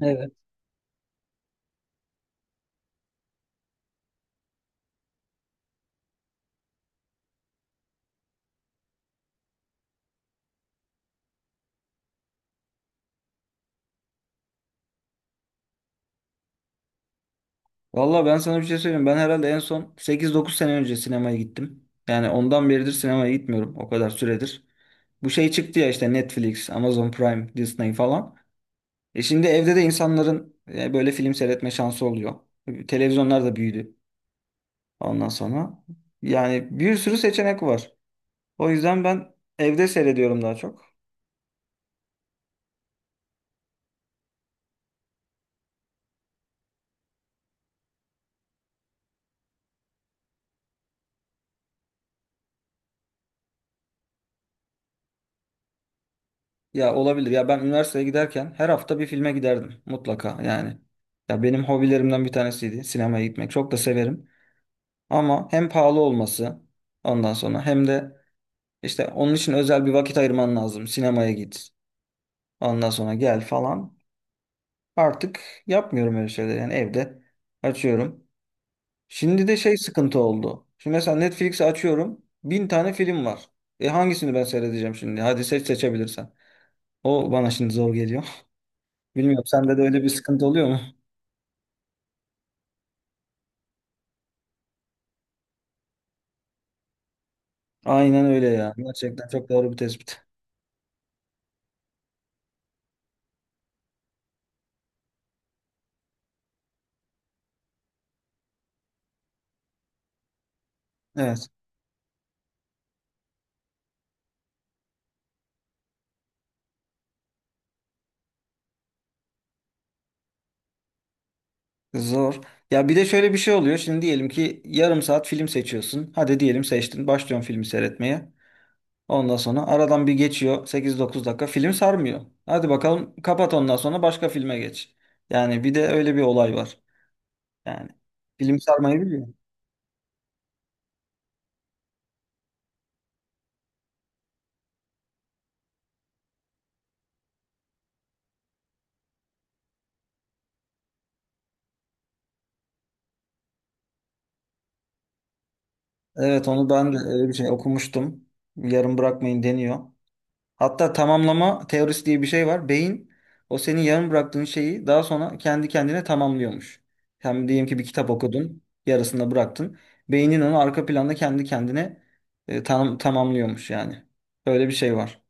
Evet. Valla ben sana bir şey söyleyeyim. Ben herhalde en son 8, 9 sene önce sinemaya gittim. Yani ondan beridir sinemaya gitmiyorum. O kadar süredir. Bu şey çıktı ya işte Netflix, Amazon Prime, Disney falan. Şimdi evde de insanların böyle film seyretme şansı oluyor. Televizyonlar da büyüdü ondan sonra. Yani bir sürü seçenek var. O yüzden ben evde seyrediyorum daha çok. Ya olabilir. Ya ben üniversiteye giderken her hafta bir filme giderdim mutlaka yani. Ya benim hobilerimden bir tanesiydi sinemaya gitmek. Çok da severim. Ama hem pahalı olması ondan sonra hem de işte onun için özel bir vakit ayırman lazım. Sinemaya git. Ondan sonra gel falan. Artık yapmıyorum öyle şeyleri. Yani evde açıyorum. Şimdi de şey sıkıntı oldu. Şimdi mesela Netflix'i açıyorum. Bin tane film var. Hangisini ben seyredeceğim şimdi? Hadi seç seçebilirsen. O bana şimdi zor geliyor. Bilmiyorum sende de öyle bir sıkıntı oluyor mu? Aynen öyle ya. Gerçekten çok doğru bir tespit. Evet. Zor. Ya bir de şöyle bir şey oluyor. Şimdi diyelim ki yarım saat film seçiyorsun. Hadi diyelim seçtin. Başlıyorsun filmi seyretmeye. Ondan sonra aradan bir geçiyor. 8 9 dakika film sarmıyor. Hadi bakalım kapat ondan sonra başka filme geç. Yani bir de öyle bir olay var. Yani film sarmayı biliyor. Evet onu ben de öyle bir şey okumuştum. Yarım bırakmayın deniyor. Hatta tamamlama teorisi diye bir şey var. Beyin o senin yarım bıraktığın şeyi daha sonra kendi kendine tamamlıyormuş. Yani diyelim ki bir kitap okudun, yarısında bıraktın. Beynin onu arka planda kendi kendine tamamlıyormuş yani. Öyle bir şey var.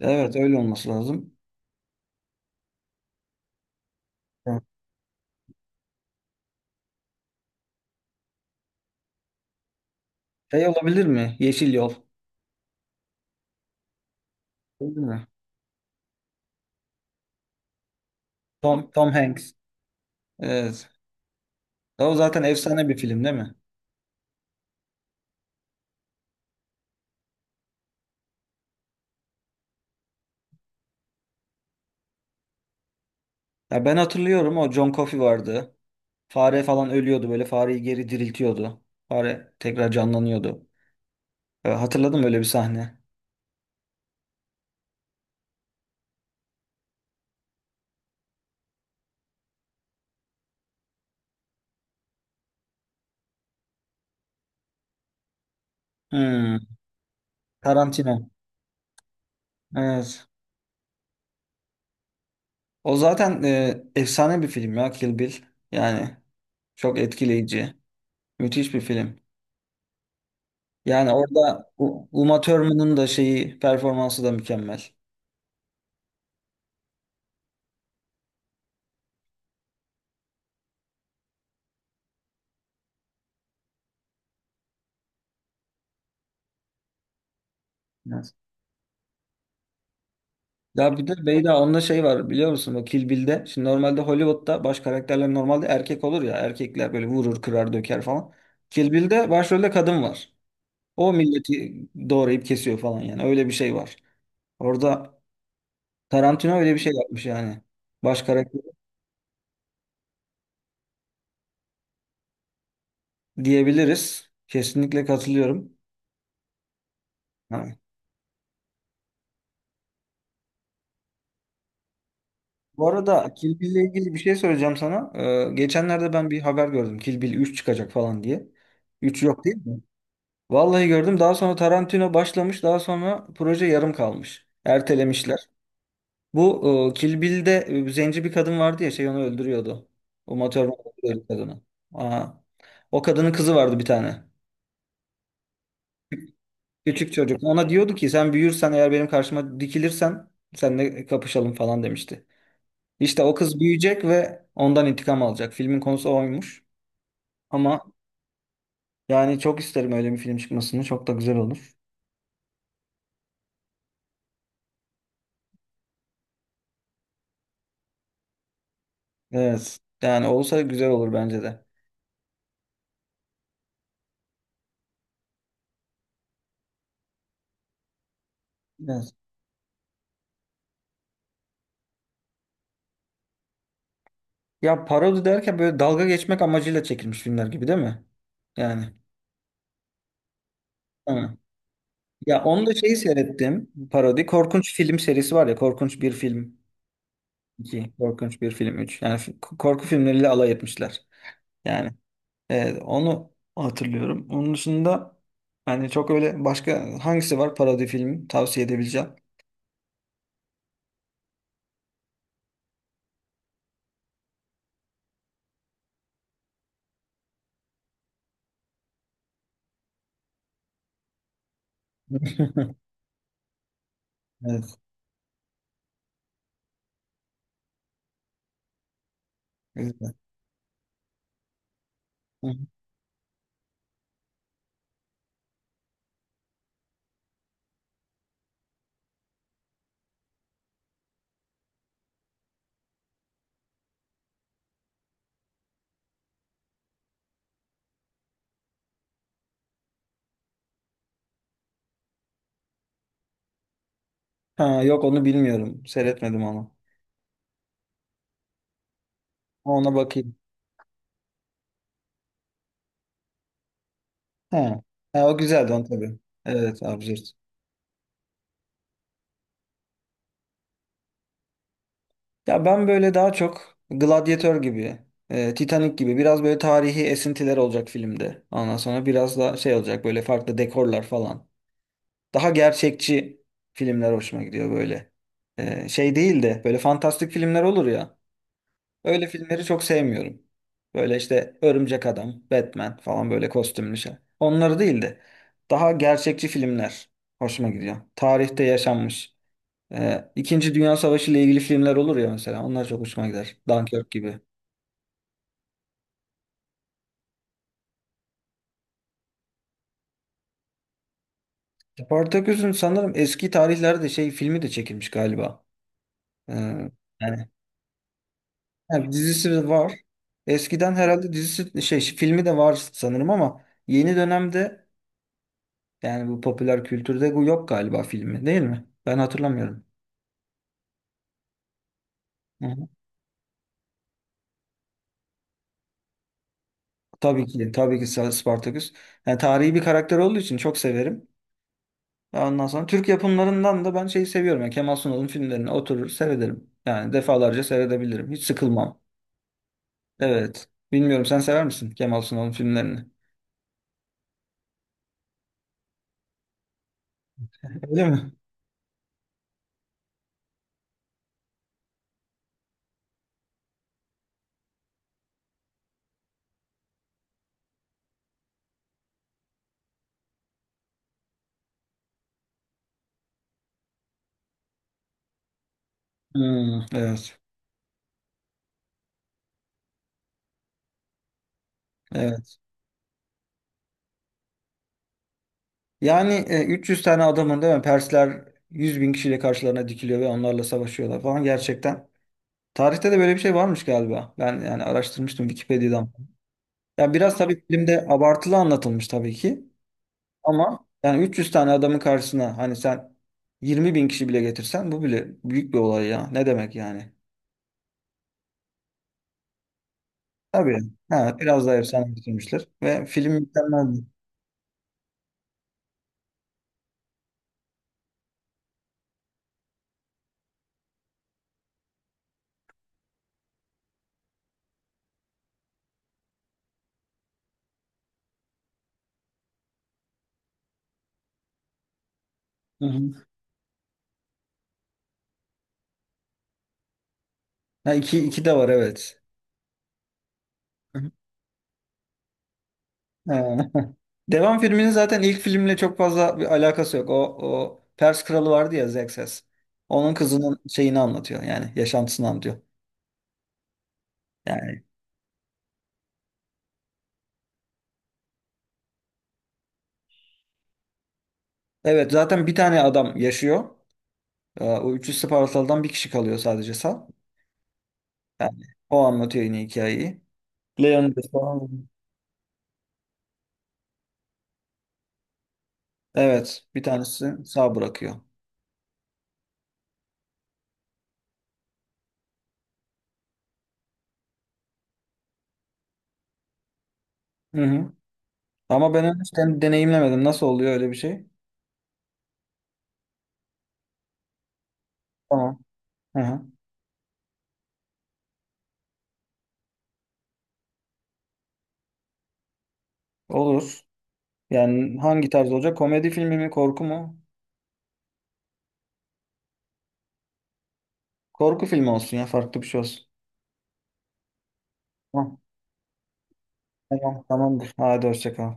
Evet öyle olması lazım. Evet. Şey olabilir mi? Yeşil Yol. Olabilir mi? Tom Hanks. Evet. O zaten efsane bir film değil mi? Ya ben hatırlıyorum, o John Coffey vardı. Fare falan ölüyordu, böyle fareyi geri diriltiyordu. Fare tekrar canlanıyordu. Hatırladım öyle bir sahne. Hmm. Tarantino. Evet. O zaten efsane bir film ya Kill Bill. Yani çok etkileyici. Müthiş bir film. Yani orada Uma Thurman'ın da şeyi, performansı da mükemmel. Evet. Ya bir de Beyda, onda şey var biliyor musun? O Kill Bill'de. Şimdi normalde Hollywood'da baş karakterler normalde erkek olur ya. Erkekler böyle vurur, kırar, döker falan. Kill Bill'de başrolde kadın var. O milleti doğrayıp kesiyor falan yani. Öyle bir şey var. Orada Tarantino öyle bir şey yapmış yani. Baş karakter diyebiliriz. Kesinlikle katılıyorum. Ha. Bu arada Kill Bill'le ilgili bir şey söyleyeceğim sana. Geçenlerde ben bir haber gördüm. Kill Bill 3 çıkacak falan diye. Üç yok değil mi? Vallahi gördüm. Daha sonra Tarantino başlamış. Daha sonra proje yarım kalmış. Ertelemişler. Bu Kill Bill'de zenci bir kadın vardı ya, şey onu öldürüyordu. O Thurman öldürüyordu kadını. Aa. O kadının kızı vardı bir tane. Küçük çocuk. Ona diyordu ki sen büyürsen, eğer benim karşıma dikilirsen seninle kapışalım falan demişti. İşte o kız büyüyecek ve ondan intikam alacak. Filmin konusu oymuş. Ama yani çok isterim öyle bir film çıkmasını. Çok da güzel olur. Evet. Yani olsa güzel olur bence de. Evet. Ya parodi derken böyle dalga geçmek amacıyla çekilmiş filmler gibi değil mi? Yani. Hı. Ya onu da şeyi seyrettim. Parodi. Korkunç film serisi var ya. Korkunç bir film iki, Korkunç bir film üç. Yani korku filmleriyle alay etmişler. Yani evet, onu hatırlıyorum. Onun dışında hani çok öyle başka hangisi var parodi film tavsiye edebileceğim. Evet. Güzel. Hı hı. Ha, yok onu bilmiyorum. Seyretmedim onu. Ona bakayım. Ha. Ha, o güzeldi on tabii. Evet, absürt. Ya ben böyle daha çok Gladiator gibi, Titanic gibi, biraz böyle tarihi esintiler olacak filmde. Ondan sonra biraz da şey olacak, böyle farklı dekorlar falan. Daha gerçekçi filmler hoşuma gidiyor böyle. Şey değil de böyle fantastik filmler olur ya. Öyle filmleri çok sevmiyorum. Böyle işte Örümcek Adam, Batman falan, böyle kostümlü şey. Onları değil de daha gerçekçi filmler hoşuma gidiyor. Tarihte yaşanmış. İkinci Dünya Savaşı ile ilgili filmler olur ya mesela. Onlar çok hoşuma gider. Dunkirk gibi. Spartaküs'ün sanırım eski tarihlerde şey filmi de çekilmiş galiba. Ee, yani Yani dizisi de var. Eskiden herhalde dizisi, şey, filmi de var sanırım ama yeni dönemde, yani bu popüler kültürde bu yok galiba filmi, değil mi? Ben hatırlamıyorum. Hı hı. Tabii ki, tabii ki. Spartacus. Yani tarihi bir karakter olduğu için çok severim. Ondan sonra Türk yapımlarından da ben şeyi seviyorum. Yani Kemal Sunal'ın filmlerini oturur seyrederim. Yani defalarca seyredebilirim. Hiç sıkılmam. Evet. Bilmiyorum, sen sever misin Kemal Sunal'ın filmlerini? Öyle mi? Hmm, evet. Evet. Yani 300 tane adamın, değil mi? Persler 100 bin kişiyle karşılarına dikiliyor ve onlarla savaşıyorlar falan, gerçekten. Tarihte de böyle bir şey varmış galiba. Ben yani araştırmıştım Wikipedia'dan. Ya biraz tabii filmde abartılı anlatılmış tabii ki. Ama yani 300 tane adamın karşısına hani sen 20 bin kişi bile getirsen bu bile büyük bir olay ya. Ne demek yani? Tabii. Ha, biraz daha efsane getirmişler. Ve film mükemmeldi. Hı hı. Ha, iki, iki de var, evet. Hı hı. Ha. Devam filminin zaten ilk filmle çok fazla bir alakası yok. O Pers kralı vardı ya, Xerxes. Onun kızının şeyini anlatıyor, yani yaşantısını anlatıyor. Yani evet, zaten bir tane adam yaşıyor. O 300 Spartalı'dan bir kişi kalıyor sadece sağ. Yani o anlatıyor yine hikayeyi. Leonidas falan. Evet, bir tanesi sağ bırakıyor. Hı hı. Ama ben henüz deneyimlemedim. Nasıl oluyor öyle bir şey? Tamam. Hı hı. Olur. Yani hangi tarz olacak? Komedi filmi mi, korku mu? Korku filmi olsun ya, farklı bir şey olsun. Tamam, tamam, tamamdır. Hadi hoşça kal.